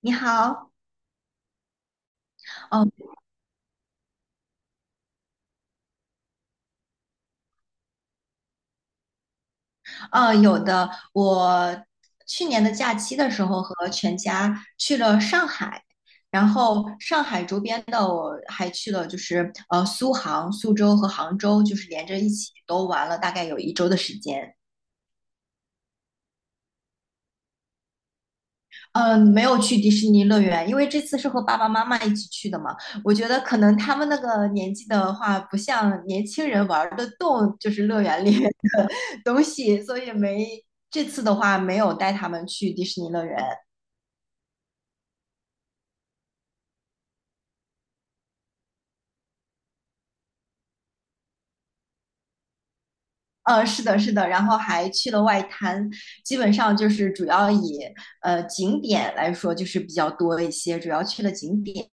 你好，嗯，有的。我去年的假期的时候和全家去了上海，然后上海周边的我还去了，就是苏杭、苏州和杭州，就是连着一起都玩了，大概有一周的时间。嗯，没有去迪士尼乐园，因为这次是和爸爸妈妈一起去的嘛。我觉得可能他们那个年纪的话，不像年轻人玩儿得动，就是乐园里。东西，所以没这次的话没有带他们去迪士尼乐园。是的，是的，然后还去了外滩，基本上就是主要以景点来说就是比较多一些，主要去了景点，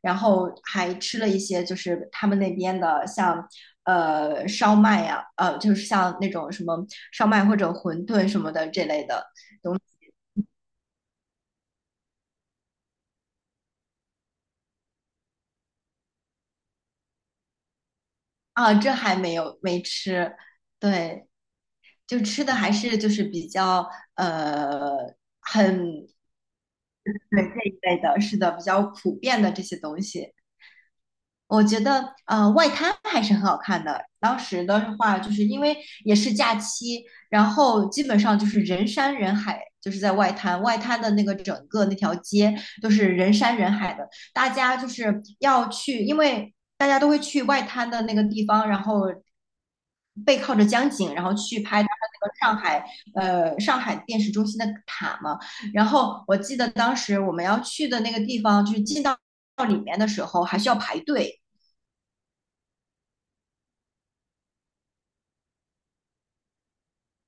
然后还吃了一些就是他们那边的像烧麦呀、就是像那种什么烧麦或者馄饨什么的这类的东西啊，这还没有没吃，对。就吃的还是就是比较呃很对这一类的，是的，比较普遍的这些东西。我觉得外滩还是很好看的。当时的话，就是因为也是假期，然后基本上就是人山人海，就是在外滩，外滩的那个整个那条街都是人山人海的，大家就是要去，因为大家都会去外滩的那个地方，然后背靠着江景，然后去拍它那个上海电视中心的塔嘛。然后我记得当时我们要去的那个地方，就是到里面的时候还需要排队。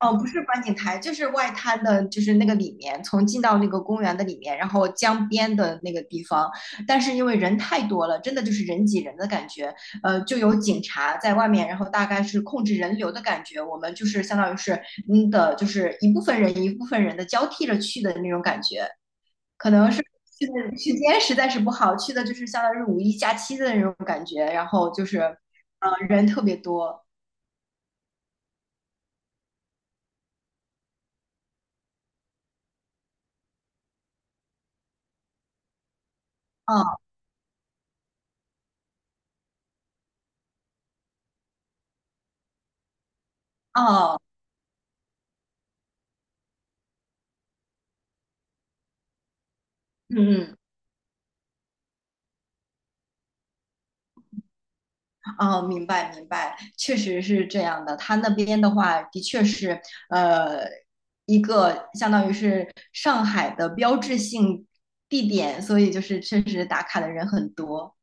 哦，不是观景台，就是外滩的，就是那个里面，从进到那个公园的里面，然后江边的那个地方。但是因为人太多了，真的就是人挤人的感觉，就有警察在外面，然后大概是控制人流的感觉。我们就是相当于是就是一部分人一部分人的交替着去的那种感觉，可能是。去的时间实在是不好，去的就是相当于是五一假期的那种感觉，然后就是，人特别多。哦哦，嗯嗯。哦，明白明白，确实是这样的。他那边的话，的确是呃一个相当于是上海的标志性地点，所以就是确实打卡的人很多。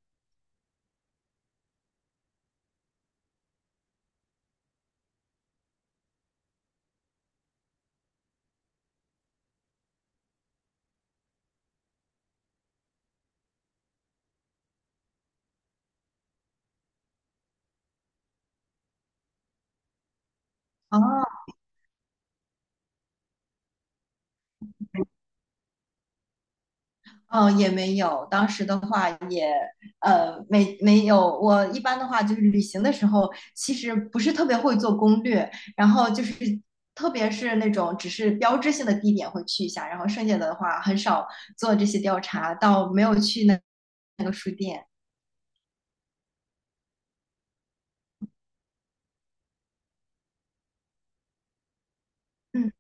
哦，嗯，也没有。当时的话也，没有。我一般的话就是旅行的时候，其实不是特别会做攻略，然后就是特别是那种只是标志性的地点会去一下，然后剩下的话很少做这些调查，到没有去那个书店。嗯。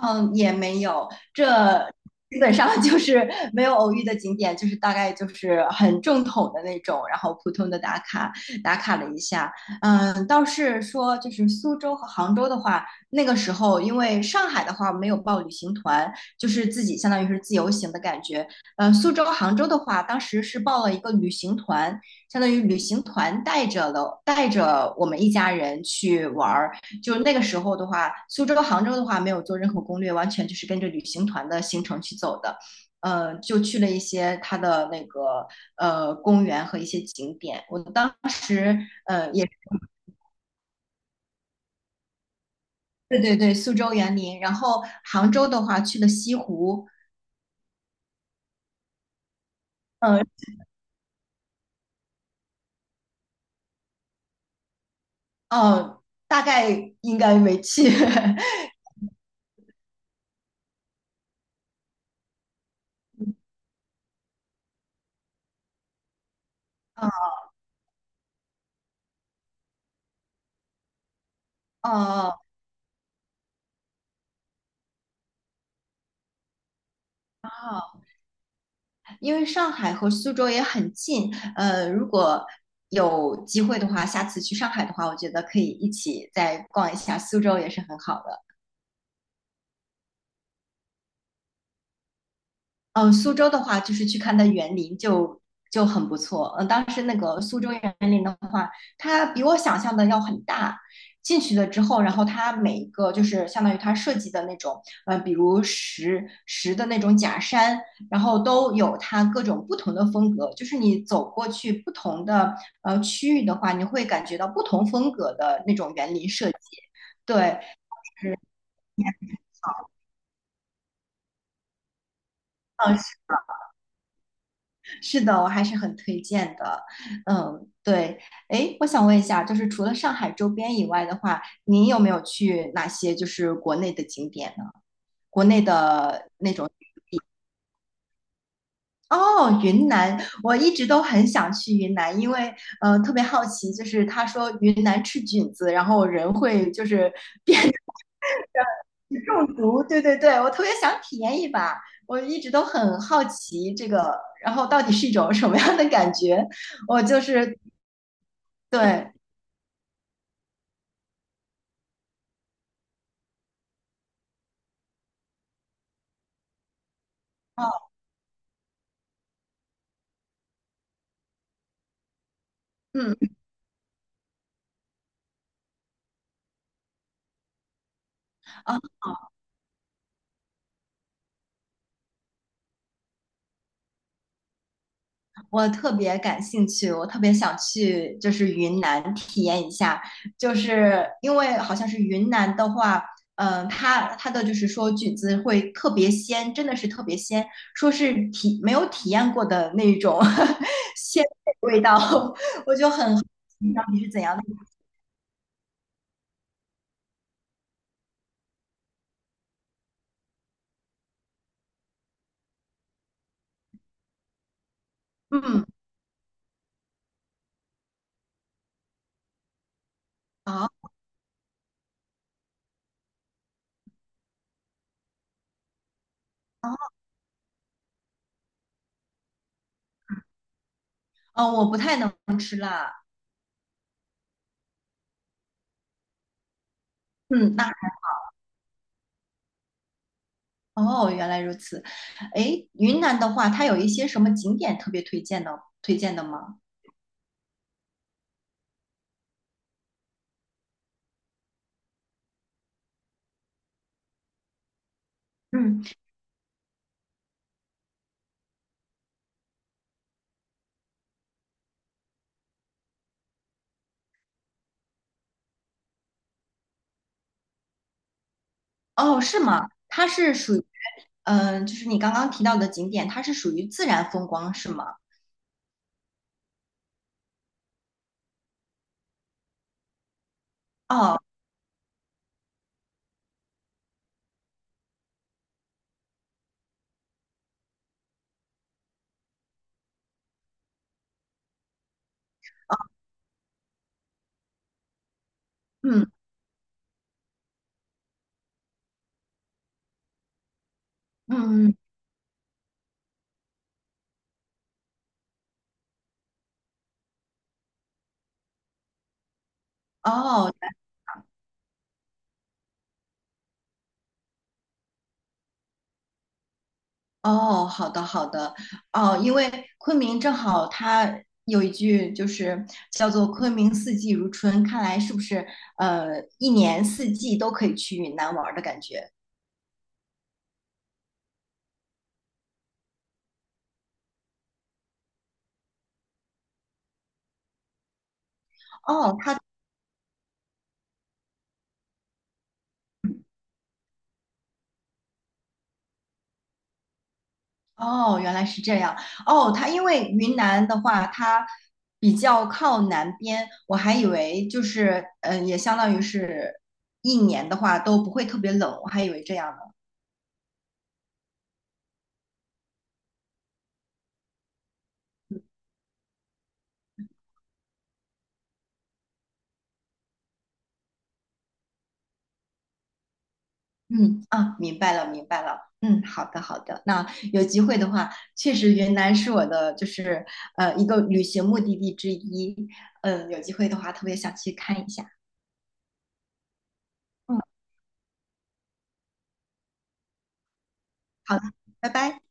嗯，也没有，这基本上 就是没有偶遇的景点，就是大概就是很正统的那种，然后普通的打卡了一下。嗯，倒是说就是苏州和杭州的话，那个时候因为上海的话没有报旅行团，就是自己相当于是自由行的感觉。苏州、杭州的话，当时是报了一个旅行团，相当于旅行团带着了带着我们一家人去玩儿。就那个时候的话，苏州、杭州的话没有做任何攻略，完全就是跟着旅行团的行程去走的。就去了一些它的那个公园和一些景点。我当时也对对对，苏州园林，然后杭州的话去了西湖。嗯、哦，大概应该没去。嗯。哦哦，因为上海和苏州也很近，如果有机会的话，下次去上海的话，我觉得可以一起再逛一下苏州，也是很好的。嗯，苏州的话，就是去看它园林就很不错。嗯，当时那个苏州园林的话，它比我想象的要很大。进去了之后，然后它每一个就是相当于它设计的那种，比如石的那种假山，然后都有它各种不同的风格。就是你走过去不同的区域的话，你会感觉到不同风格的那种园林设计。对，是嗯，是的，我还是很推荐的。嗯，对。哎，我想问一下，就是除了上海周边以外的话，您有没有去哪些就是国内的景点呢？国内的那种。哦，云南，我一直都很想去云南，因为特别好奇，就是他说云南吃菌子，然后人会就是 变得中毒。对对对，我特别想体验一把，我一直都很好奇这个，然后到底是一种什么样的感觉？我就是对。嗯。啊，我特别感兴趣，我特别想去，就是云南体验一下，就是因为好像是云南的话，嗯、它的就是说菌子会特别鲜，真的是特别鲜，说是没有体验过的那种 鲜的味道，我就很好奇到底是怎样的。嗯，啊啊。哦，我不太能吃辣。嗯，那。哦，原来如此。诶，云南的话，它有一些什么景点特别推荐的吗？嗯。哦，是吗？它是属于，嗯、就是你刚刚提到的景点，它是属于自然风光，是吗？哦，嗯嗯，嗯。哦哦，好的好的。哦，因为昆明正好它有一句就是叫做“昆明四季如春”，看来是不是一年四季都可以去云南玩儿的感觉？哦，它。哦，原来是这样。哦，它因为云南的话，它比较靠南边，我还以为就是，嗯，也相当于是一年的话都不会特别冷，我还以为这样呢。嗯，啊，明白了，明白了。嗯，好的，好的。那有机会的话，确实云南是我的就是一个旅行目的地之一。嗯，有机会的话，特别想去看一下。嗯，好的，拜拜。